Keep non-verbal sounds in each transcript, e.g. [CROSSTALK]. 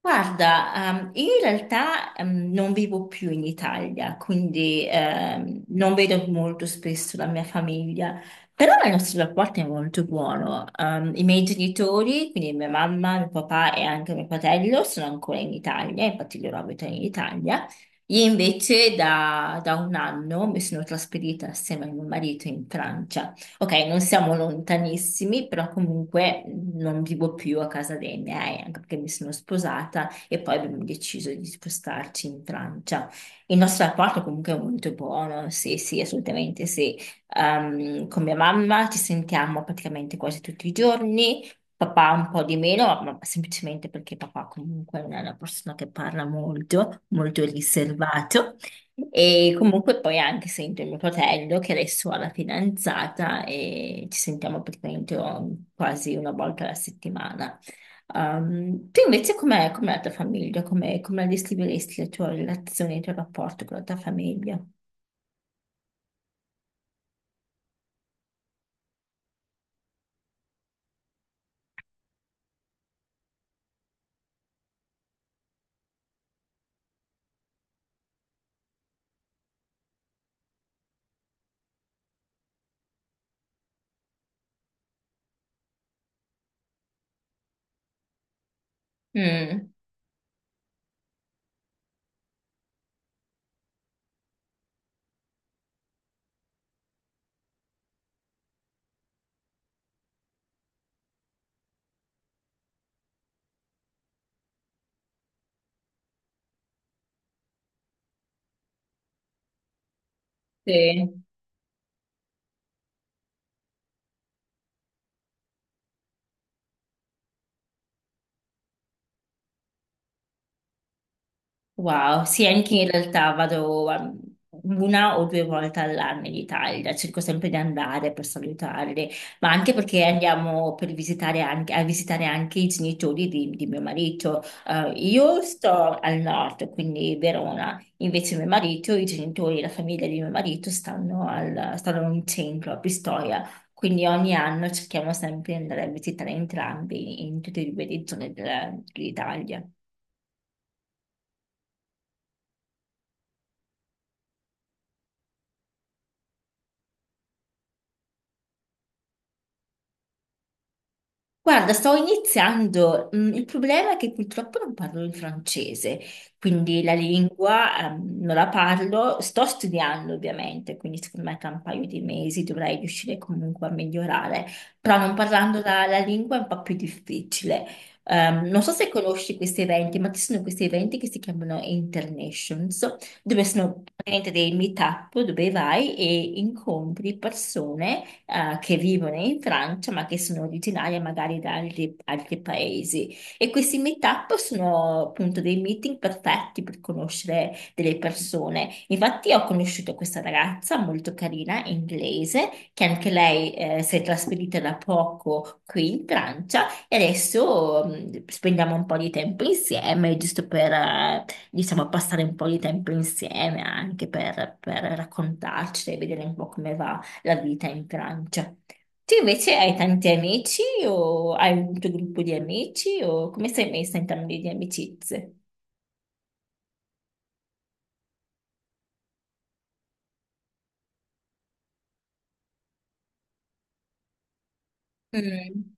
Guarda, io in realtà non vivo più in Italia, quindi non vedo molto spesso la mia famiglia, però il nostro rapporto è molto buono. I miei genitori, quindi mia mamma, mio papà e anche mio fratello, sono ancora in Italia, infatti loro abitano in Italia. Io invece da un anno mi sono trasferita assieme a mio marito in Francia. Ok, non siamo lontanissimi, però comunque non vivo più a casa dei miei, anche perché mi sono sposata e poi abbiamo deciso di spostarci in Francia. Il nostro rapporto comunque è molto buono, sì, sì, assolutamente sì. Con mia mamma ci sentiamo praticamente quasi tutti i giorni, papà un po' di meno, ma semplicemente perché papà comunque non è una persona che parla molto, molto riservato. E comunque poi anche sento mio fratello che adesso ha la fidanzata e ci sentiamo praticamente quasi una volta alla settimana. Tu invece com'è la tua famiglia? Come la descriveresti la tua relazione, il tuo rapporto con la tua famiglia? Mm, sì. Wow, sì, anche in realtà vado una o due volte all'anno in Italia, cerco sempre di andare per salutarli, ma anche perché andiamo per a visitare anche i genitori di mio marito. Io sto al nord, quindi Verona, invece mio marito, i genitori, la famiglia di mio marito stanno in centro, a Pistoia, quindi ogni anno cerchiamo sempre di andare a visitare entrambi in tutte e due le zone dell'Italia. Guarda, sto iniziando. Il problema è che purtroppo non parlo il francese, quindi la lingua, non la parlo. Sto studiando ovviamente, quindi secondo me tra un paio di mesi dovrei riuscire comunque a migliorare, però non parlando la lingua è un po' più difficile. Non so se conosci questi eventi, ma ci sono questi eventi che si chiamano Internations, dove sono praticamente dei meet-up dove vai e incontri persone che vivono in Francia, ma che sono originarie magari da altri paesi. E questi meetup sono appunto dei meeting perfetti per conoscere delle persone. Infatti, ho conosciuto questa ragazza molto carina, inglese, che anche lei si è trasferita da poco qui in Francia e adesso spendiamo un po' di tempo insieme, giusto per, diciamo, passare un po' di tempo insieme anche per raccontarci e vedere un po' come va la vita in Francia. Tu invece hai tanti amici o hai un tuo gruppo di amici o come sei messa in termini di amicizie? Mm,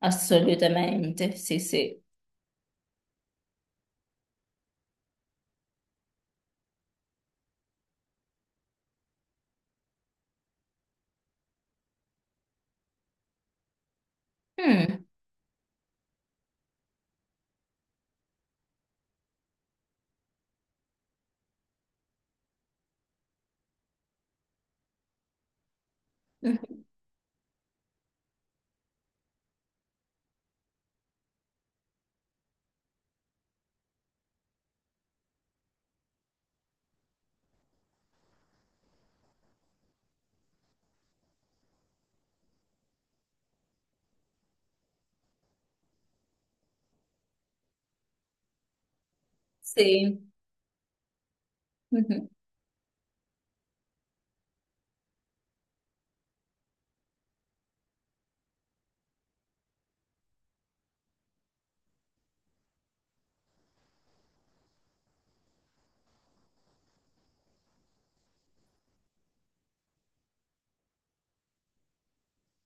assolutamente, sì, sì. Mm. [LAUGHS] Mhm. Sì. Mhm,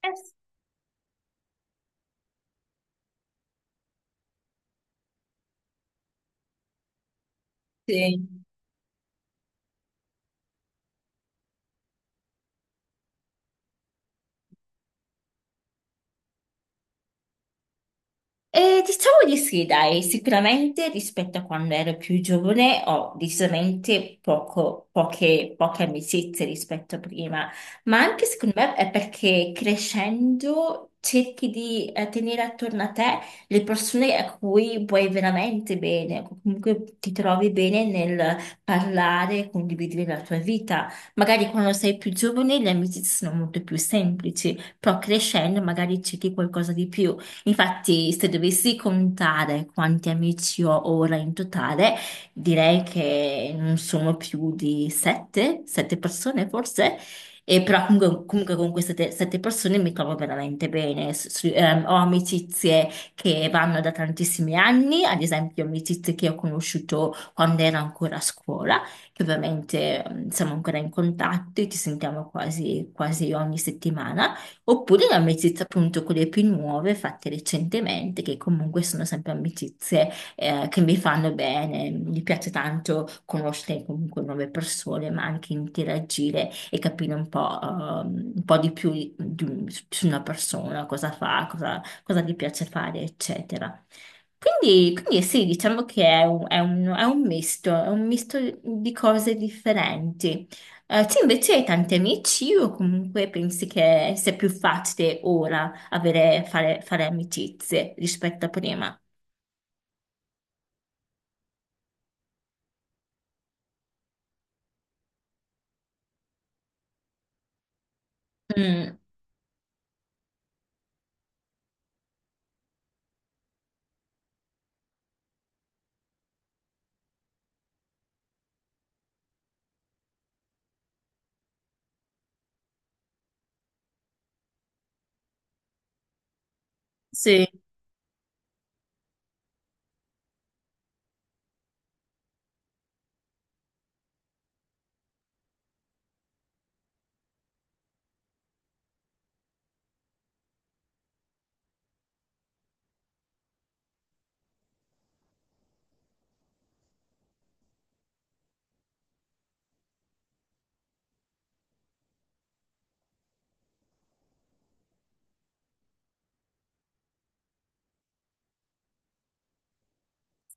eh, sì. E diciamo di sì, dai, sicuramente rispetto a quando ero più giovane ho decisamente poche amicizie rispetto a prima, ma anche secondo me è perché crescendo cerchi di tenere attorno a te le persone a cui vuoi veramente bene, comunque ti trovi bene nel parlare, condividere la tua vita. Magari quando sei più giovane le amicizie sono molto più semplici, però crescendo magari cerchi qualcosa di più. Infatti, se dovessi contare quanti amici ho ora in totale, direi che non sono più di sette persone forse, e però comunque con queste sette persone mi trovo veramente bene. Ho amicizie che vanno da tantissimi anni, ad esempio amicizie che ho conosciuto quando ero ancora a scuola, che ovviamente siamo ancora in contatto e ci sentiamo quasi quasi ogni settimana. Oppure l'amicizia appunto con le più nuove fatte recentemente, che comunque sono sempre amicizie che mi fanno bene. Mi piace tanto conoscere comunque nuove persone, ma anche interagire e capire un po' di più su una persona, cosa fa, cosa gli piace fare, eccetera. Quindi sì, diciamo che è un misto di cose differenti. Te invece hai tanti amici o comunque pensi che sia più facile ora avere, fare amicizie rispetto a prima? Mm, sì,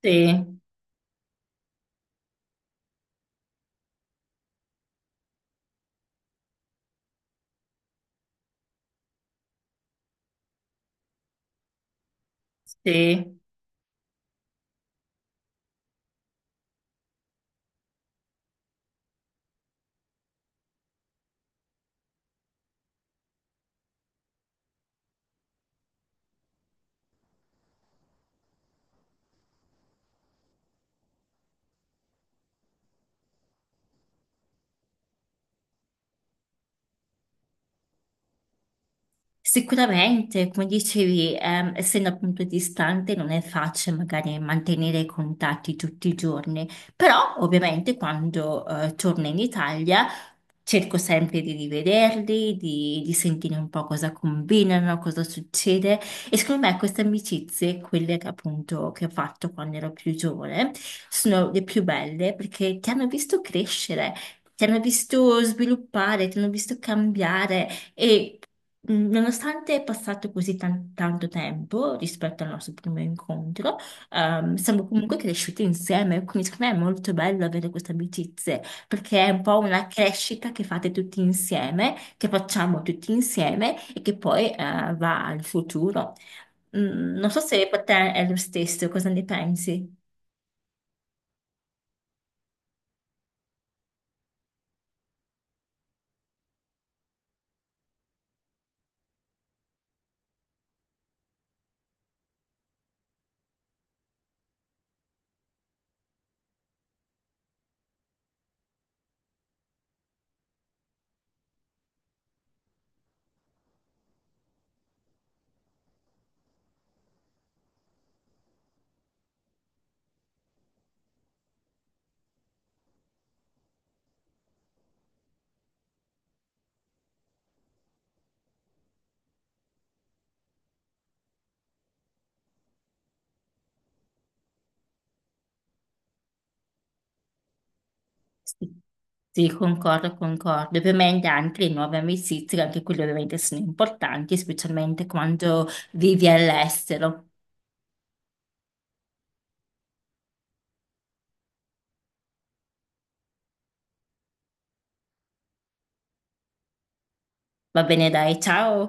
sì, sì. Sicuramente, come dicevi, essendo appunto distante non è facile magari mantenere i contatti tutti i giorni, però ovviamente quando torno in Italia cerco sempre di rivederli, di sentire un po' cosa combinano, cosa succede e secondo me queste amicizie, quelle che appunto che ho fatto quando ero più giovane, sono le più belle perché ti hanno visto crescere, ti hanno visto sviluppare, ti hanno visto cambiare. E nonostante è passato così tanto tempo rispetto al nostro primo incontro, siamo comunque cresciuti insieme, quindi secondo me è molto bello avere queste amicizie, perché è un po' una crescita che fate tutti insieme, che facciamo tutti insieme e che poi, va al futuro. Non so se per te è lo stesso, cosa ne pensi? Sì, sì, concordo, concordo. Ovviamente anche le nuove amicizie, anche quelle ovviamente sono importanti, specialmente quando vivi all'estero. Va bene, dai, ciao.